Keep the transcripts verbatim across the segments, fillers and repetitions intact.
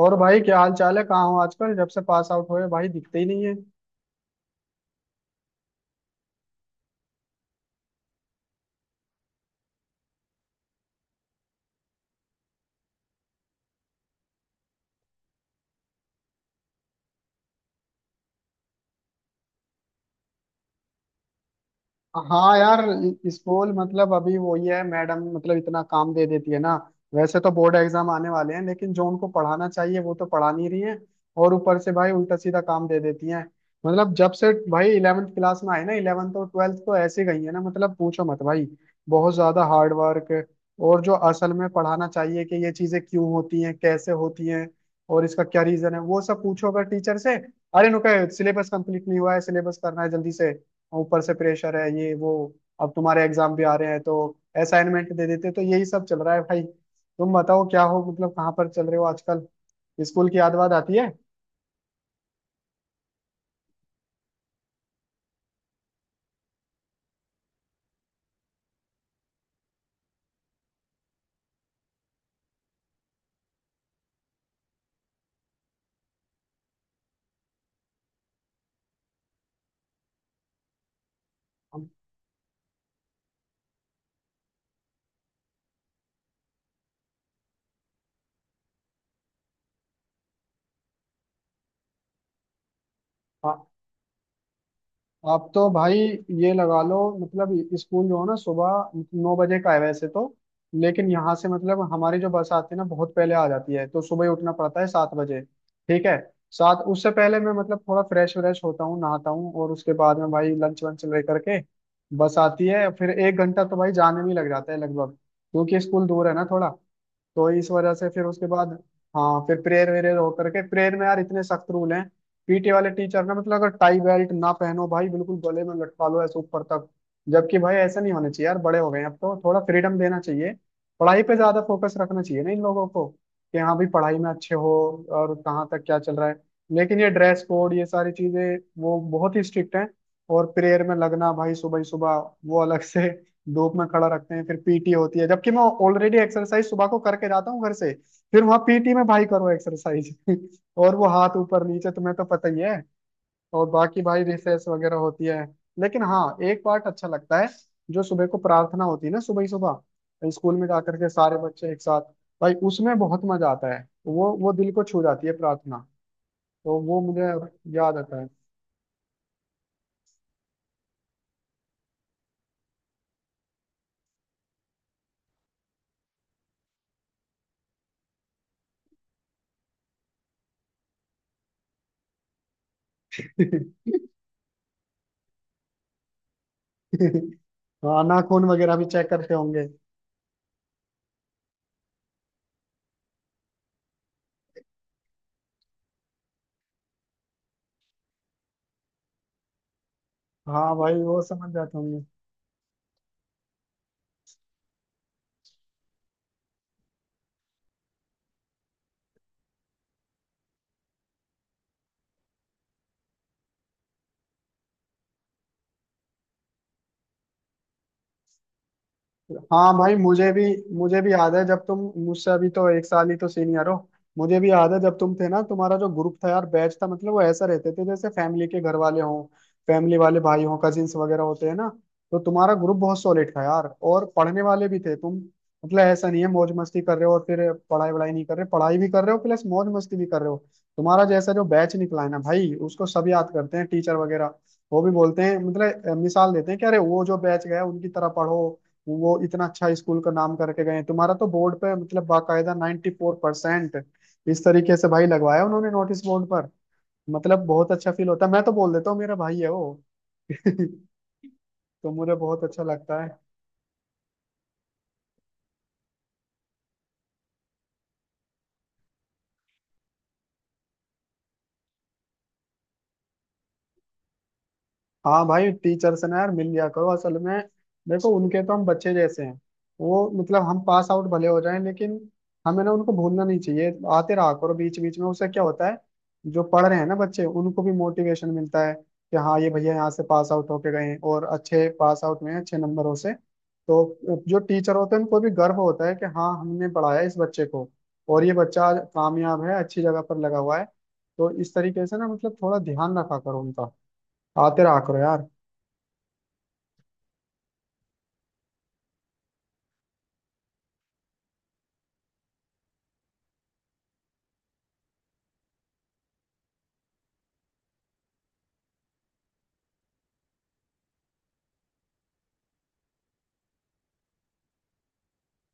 और भाई क्या हाल चाल है? कहाँ हो आजकल? जब से पास आउट हुए भाई दिखते ही नहीं है। हाँ यार, स्कूल मतलब अभी वो ही है, मैडम मतलब इतना काम दे देती है ना। वैसे तो बोर्ड एग्जाम आने वाले हैं, लेकिन जो उनको पढ़ाना चाहिए वो तो पढ़ा नहीं रही है। और ऊपर से भाई उल्टा सीधा काम दे देती हैं। मतलब जब से भाई इलेवेंथ क्लास में आए ना, इलेवेंथ और ट्वेल्थ तो ऐसे गई है ना, मतलब पूछो मत भाई। बहुत ज्यादा हार्ड वर्क। और जो असल में पढ़ाना चाहिए कि ये चीजें क्यों होती हैं, कैसे होती हैं, और इसका क्या रीजन है, वो सब पूछो अगर टीचर से, अरे नुका सिलेबस कंप्लीट नहीं हुआ है, सिलेबस करना है जल्दी से। ऊपर से प्रेशर है ये वो। अब तुम्हारे एग्जाम भी आ रहे हैं तो असाइनमेंट दे देते, तो यही सब चल रहा है भाई। तुम बताओ क्या हो, मतलब कहाँ पर चल रहे हो आजकल? स्कूल की याद वाद आती है? हाँ, आप तो भाई ये लगा लो, मतलब स्कूल जो है ना सुबह नौ बजे का है वैसे तो, लेकिन यहाँ से मतलब हमारी जो बस आती है ना, बहुत पहले आ जाती है, तो सुबह ही उठना पड़ता है सात बजे, ठीक है। सात, उससे पहले मैं मतलब थोड़ा फ्रेश व्रेश होता हूँ, नहाता हूँ, और उसके बाद में भाई लंच वंच लेकर के बस आती है, फिर एक घंटा तो भाई जाने में ही लग जाता है लगभग, क्योंकि स्कूल दूर है ना थोड़ा, तो इस वजह से फिर उसके बाद हाँ फिर प्रेयर वेरेयर होकर के। प्रेयर में यार इतने सख्त रूल हैं। पीटी वाले टीचर ने मतलब, अगर टाई बेल्ट ना पहनो भाई, बिल्कुल गले में लटका लो ऐसे ऊपर तक। जबकि भाई ऐसा नहीं होना चाहिए यार, बड़े हो गए हैं अब तो थोड़ा फ्रीडम देना चाहिए। पढ़ाई पे ज्यादा फोकस रखना चाहिए ना इन लोगों को, कि हाँ भाई पढ़ाई में अच्छे हो और कहाँ तक क्या चल रहा है। लेकिन ये ड्रेस कोड, ये सारी चीजें वो बहुत ही स्ट्रिक्ट हैं। और प्रेयर में लगना भाई सुबह ही सुबह, वो अलग से धूप में खड़ा रखते हैं, फिर पीटी होती है, जबकि मैं ऑलरेडी एक्सरसाइज सुबह को करके जाता हूँ घर से। फिर वहाँ पीटी में भाई करो एक्सरसाइज और वो हाथ ऊपर नीचे, तुम्हें तो पता ही है। और बाकी भाई रिसेस वगैरह होती है। लेकिन हाँ, एक पार्ट अच्छा लगता है। जो सुबह को प्रार्थना होती है ना, सुबह ही सुबह स्कूल में जा करके सारे बच्चे एक साथ, भाई उसमें बहुत मजा आता है। वो वो दिल को छू जाती है प्रार्थना। तो वो मुझे याद आता है। हाँ, नाखून वगैरह भी चेक करते होंगे। हाँ भाई, वो समझ जाते होंगे। हाँ भाई मुझे भी। मुझे भी याद है जब तुम मुझसे अभी तो एक साल ही तो सीनियर हो। मुझे भी याद है जब तुम थे ना, तुम्हारा जो ग्रुप था यार, बैच था, मतलब वो ऐसा रहते थे जैसे फैमिली के घर वाले हों। फैमिली वाले भाई हों, कजिन्स वगैरह होते हैं ना। तो तुम्हारा ग्रुप बहुत सॉलिड था यार, और पढ़ने वाले भी थे तुम। मतलब ऐसा नहीं है मौज मस्ती कर रहे हो और फिर पढ़ाई वढ़ाई नहीं कर रहे, पढ़ाई भी कर रहे हो प्लस मौज मस्ती भी कर रहे हो। तुम्हारा जैसा जो बैच निकला है ना भाई, उसको सब याद करते हैं, टीचर वगैरह वो भी बोलते हैं, मतलब अ, मिसाल देते हैं कि अरे वो जो बैच गया उनकी तरह पढ़ो, वो इतना अच्छा स्कूल का नाम करके गए हैं। तुम्हारा तो बोर्ड पे मतलब बाकायदा ninety four percent four percent इस तरीके से भाई लगवाया उन्होंने नोटिस बोर्ड पर। मतलब बहुत अच्छा फील होता है, मैं तो बोल देता हूँ मेरा भाई है वो। तो मुझे बहुत अच्छा लगता है। हाँ भाई, टीचर से ना यार मिल लिया करो असल में। देखो, उनके तो हम बच्चे जैसे हैं। वो मतलब हम पास आउट भले हो जाएं, लेकिन हमें ना उनको भूलना नहीं चाहिए। आते रहा करो बीच बीच में, उससे क्या होता है, जो पढ़ रहे हैं ना बच्चे उनको भी मोटिवेशन मिलता है कि हाँ ये भैया यहाँ से पास आउट होके गए हैं और अच्छे पास आउट में हैं, अच्छे नंबरों से। तो जो टीचर होते हैं उनको भी गर्व होता है कि हाँ हमने पढ़ाया इस बच्चे को और ये बच्चा आज कामयाब है, अच्छी जगह पर लगा हुआ है। तो इस तरीके से ना मतलब थोड़ा ध्यान रखा करो उनका, आते रहा करो यार।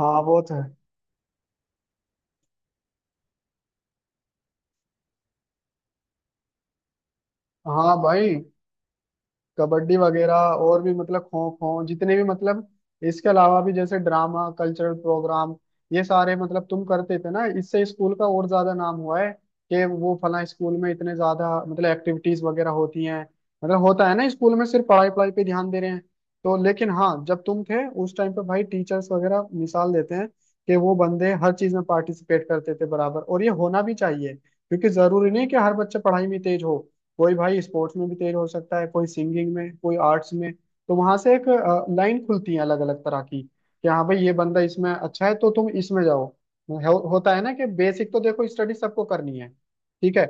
हाँ वो तो है। हाँ भाई, कबड्डी वगैरह और भी, मतलब खो खो, जितने भी मतलब इसके अलावा भी जैसे ड्रामा, कल्चरल प्रोग्राम, ये सारे मतलब तुम करते थे ना, इससे स्कूल का और ज्यादा नाम हुआ है कि वो फला स्कूल में इतने ज्यादा मतलब एक्टिविटीज वगैरह होती हैं। मतलब होता है ना स्कूल में सिर्फ पढ़ाई, पढ़ाई पे ध्यान दे रहे हैं तो। लेकिन हाँ, जब तुम थे उस टाइम पे भाई टीचर्स वगैरह मिसाल देते हैं कि वो बंदे हर चीज में पार्टिसिपेट करते थे बराबर, और ये होना भी चाहिए, क्योंकि जरूरी नहीं कि हर बच्चा पढ़ाई में तेज हो। कोई भाई स्पोर्ट्स में भी तेज हो सकता है, कोई सिंगिंग में, कोई आर्ट्स में। तो वहां से एक लाइन खुलती है अलग अलग तरह की, कि हाँ भाई ये बंदा इसमें अच्छा है तो तुम इसमें जाओ। हो, होता है ना कि बेसिक तो देखो स्टडी सबको करनी है, ठीक है,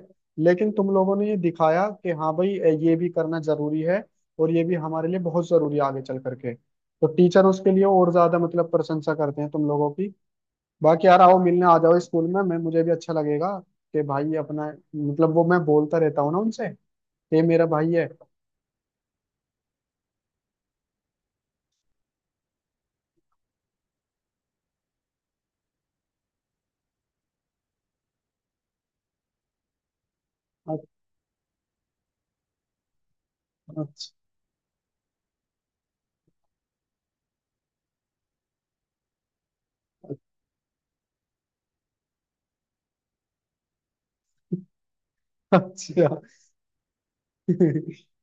लेकिन तुम लोगों ने ये दिखाया कि हाँ भाई ये भी करना जरूरी है, और ये भी हमारे लिए बहुत जरूरी है आगे चल करके। तो टीचर उसके लिए और ज्यादा मतलब प्रशंसा करते हैं तुम लोगों की। बाकी यार आओ, मिलने आ जाओ स्कूल में, मैं मुझे भी अच्छा लगेगा कि भाई अपना, मतलब वो मैं बोलता रहता हूँ ना उनसे, ये मेरा भाई है। अच्छा, अच्छा।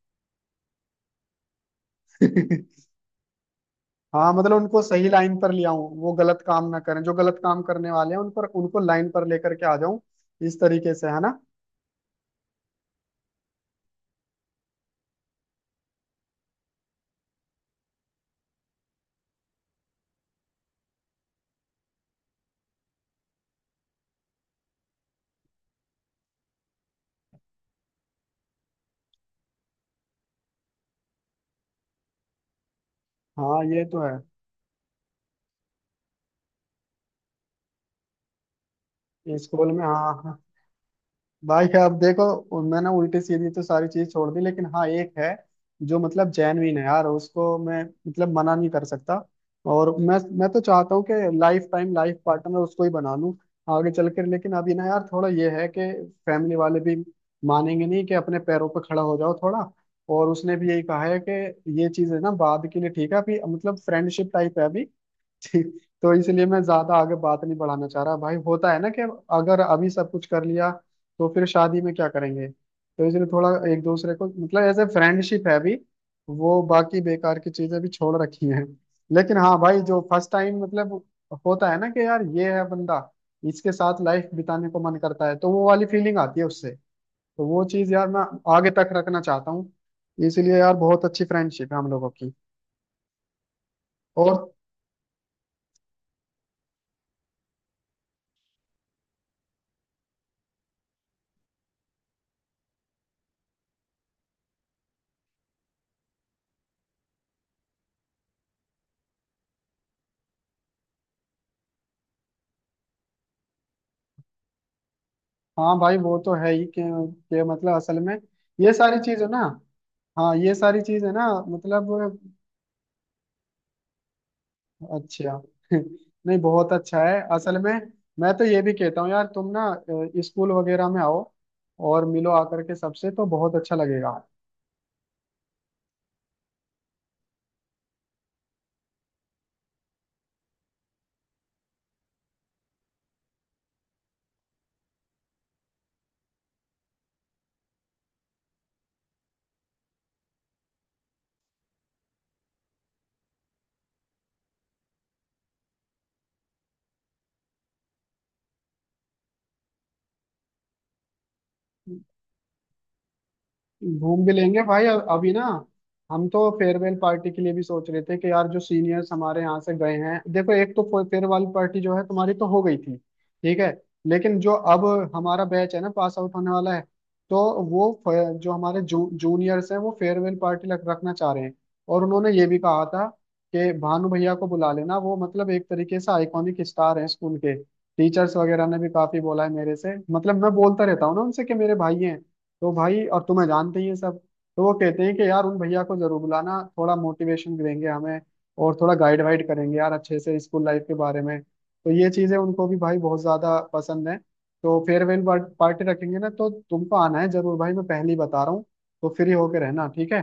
हाँ, मतलब उनको सही लाइन पर ले आऊं, वो गलत काम ना करें, जो गलत काम करने वाले हैं उन पर, उनको लाइन पर लेकर के आ जाऊं, इस तरीके से है ना। हाँ ये तो है। स्कूल में हाँ हाँ। भाई अब देखो, उ- मैंने उल्टी सीधी तो सारी चीज छोड़ दी, लेकिन हाँ एक है जो मतलब जेनविन है यार, उसको मैं मतलब मना नहीं कर सकता। और मैं मैं तो चाहता हूँ कि लाइफ टाइम, लाइफ पार्टनर उसको ही बना लूँ आगे चल कर, लेकिन अभी ना यार थोड़ा ये है कि फैमिली वाले भी मानेंगे नहीं, कि अपने पैरों पर खड़ा हो जाओ थोड़ा। और उसने भी यही कहा है कि ये चीज है ना बाद के लिए, ठीक है, अभी मतलब फ्रेंडशिप टाइप है अभी, ठीक, तो इसलिए मैं ज्यादा आगे बात नहीं बढ़ाना चाह रहा भाई। होता है ना कि अगर अभी सब कुछ कर लिया तो फिर शादी में क्या करेंगे? तो इसलिए थोड़ा एक दूसरे को मतलब एज ए फ्रेंडशिप है अभी। वो बाकी बेकार की चीजें भी छोड़ रखी हैं, लेकिन हाँ भाई जो फर्स्ट टाइम मतलब होता है ना कि यार ये है बंदा, इसके साथ लाइफ बिताने को मन करता है, तो वो वाली फीलिंग आती है उससे। तो वो चीज यार मैं आगे तक रखना चाहता हूँ। इसलिए यार बहुत अच्छी फ्रेंडशिप है हम लोगों की। और हाँ भाई, वो तो है ही कि, कि मतलब असल में ये सारी चीज है ना। हाँ ये सारी चीज है ना, मतलब अच्छा। नहीं, बहुत अच्छा है असल में। मैं तो ये भी कहता हूँ यार, तुम ना अ, स्कूल वगैरह में आओ और मिलो आकर के सबसे, तो बहुत अच्छा लगेगा। घूम भी लेंगे भाई अ- अभी ना हम तो फेयरवेल पार्टी के लिए भी सोच रहे थे कि यार जो सीनियर्स हमारे यहाँ से गए हैं, देखो एक तो फेयरवेल पार्टी जो है तुम्हारी तो हो गई थी, ठीक है, लेकिन जो अब हमारा बैच है ना पास आउट होने वाला है, तो वो फ- जो हमारे जू, जूनियर्स हैं, वो फेयरवेल पार्टी लग रखना चाह रहे हैं। और उन्होंने ये भी कहा था कि भानु भैया को बुला लेना, वो मतलब एक तरीके से आइकॉनिक स्टार हैं स्कूल के। टीचर्स वगैरह ने भी काफी बोला है मेरे से, मतलब मैं बोलता रहता हूँ ना उनसे कि मेरे भाई हैं, तो भाई और तुम्हें जानते ही हैं सब। तो वो कहते हैं कि यार उन भैया को जरूर बुलाना, थोड़ा मोटिवेशन देंगे हमें और थोड़ा गाइड वाइड करेंगे यार अच्छे से स्कूल लाइफ के बारे में। तो ये चीजें उनको भी भाई बहुत ज्यादा पसंद है। तो फेयरवेल पार्टी रखेंगे ना, तो तुमको आना है जरूर भाई, मैं पहले ही बता रहा हूँ, तो फ्री होके रहना, ठीक है।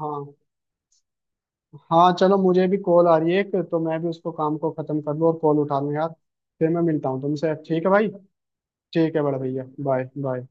हाँ, हाँ चलो, मुझे भी कॉल आ रही है एक, तो मैं भी उसको काम को खत्म कर लूँ और कॉल उठा लूँ यार। फिर मैं मिलता हूँ तुमसे, ठीक है भाई। ठीक है बड़ा भैया। Bye bye.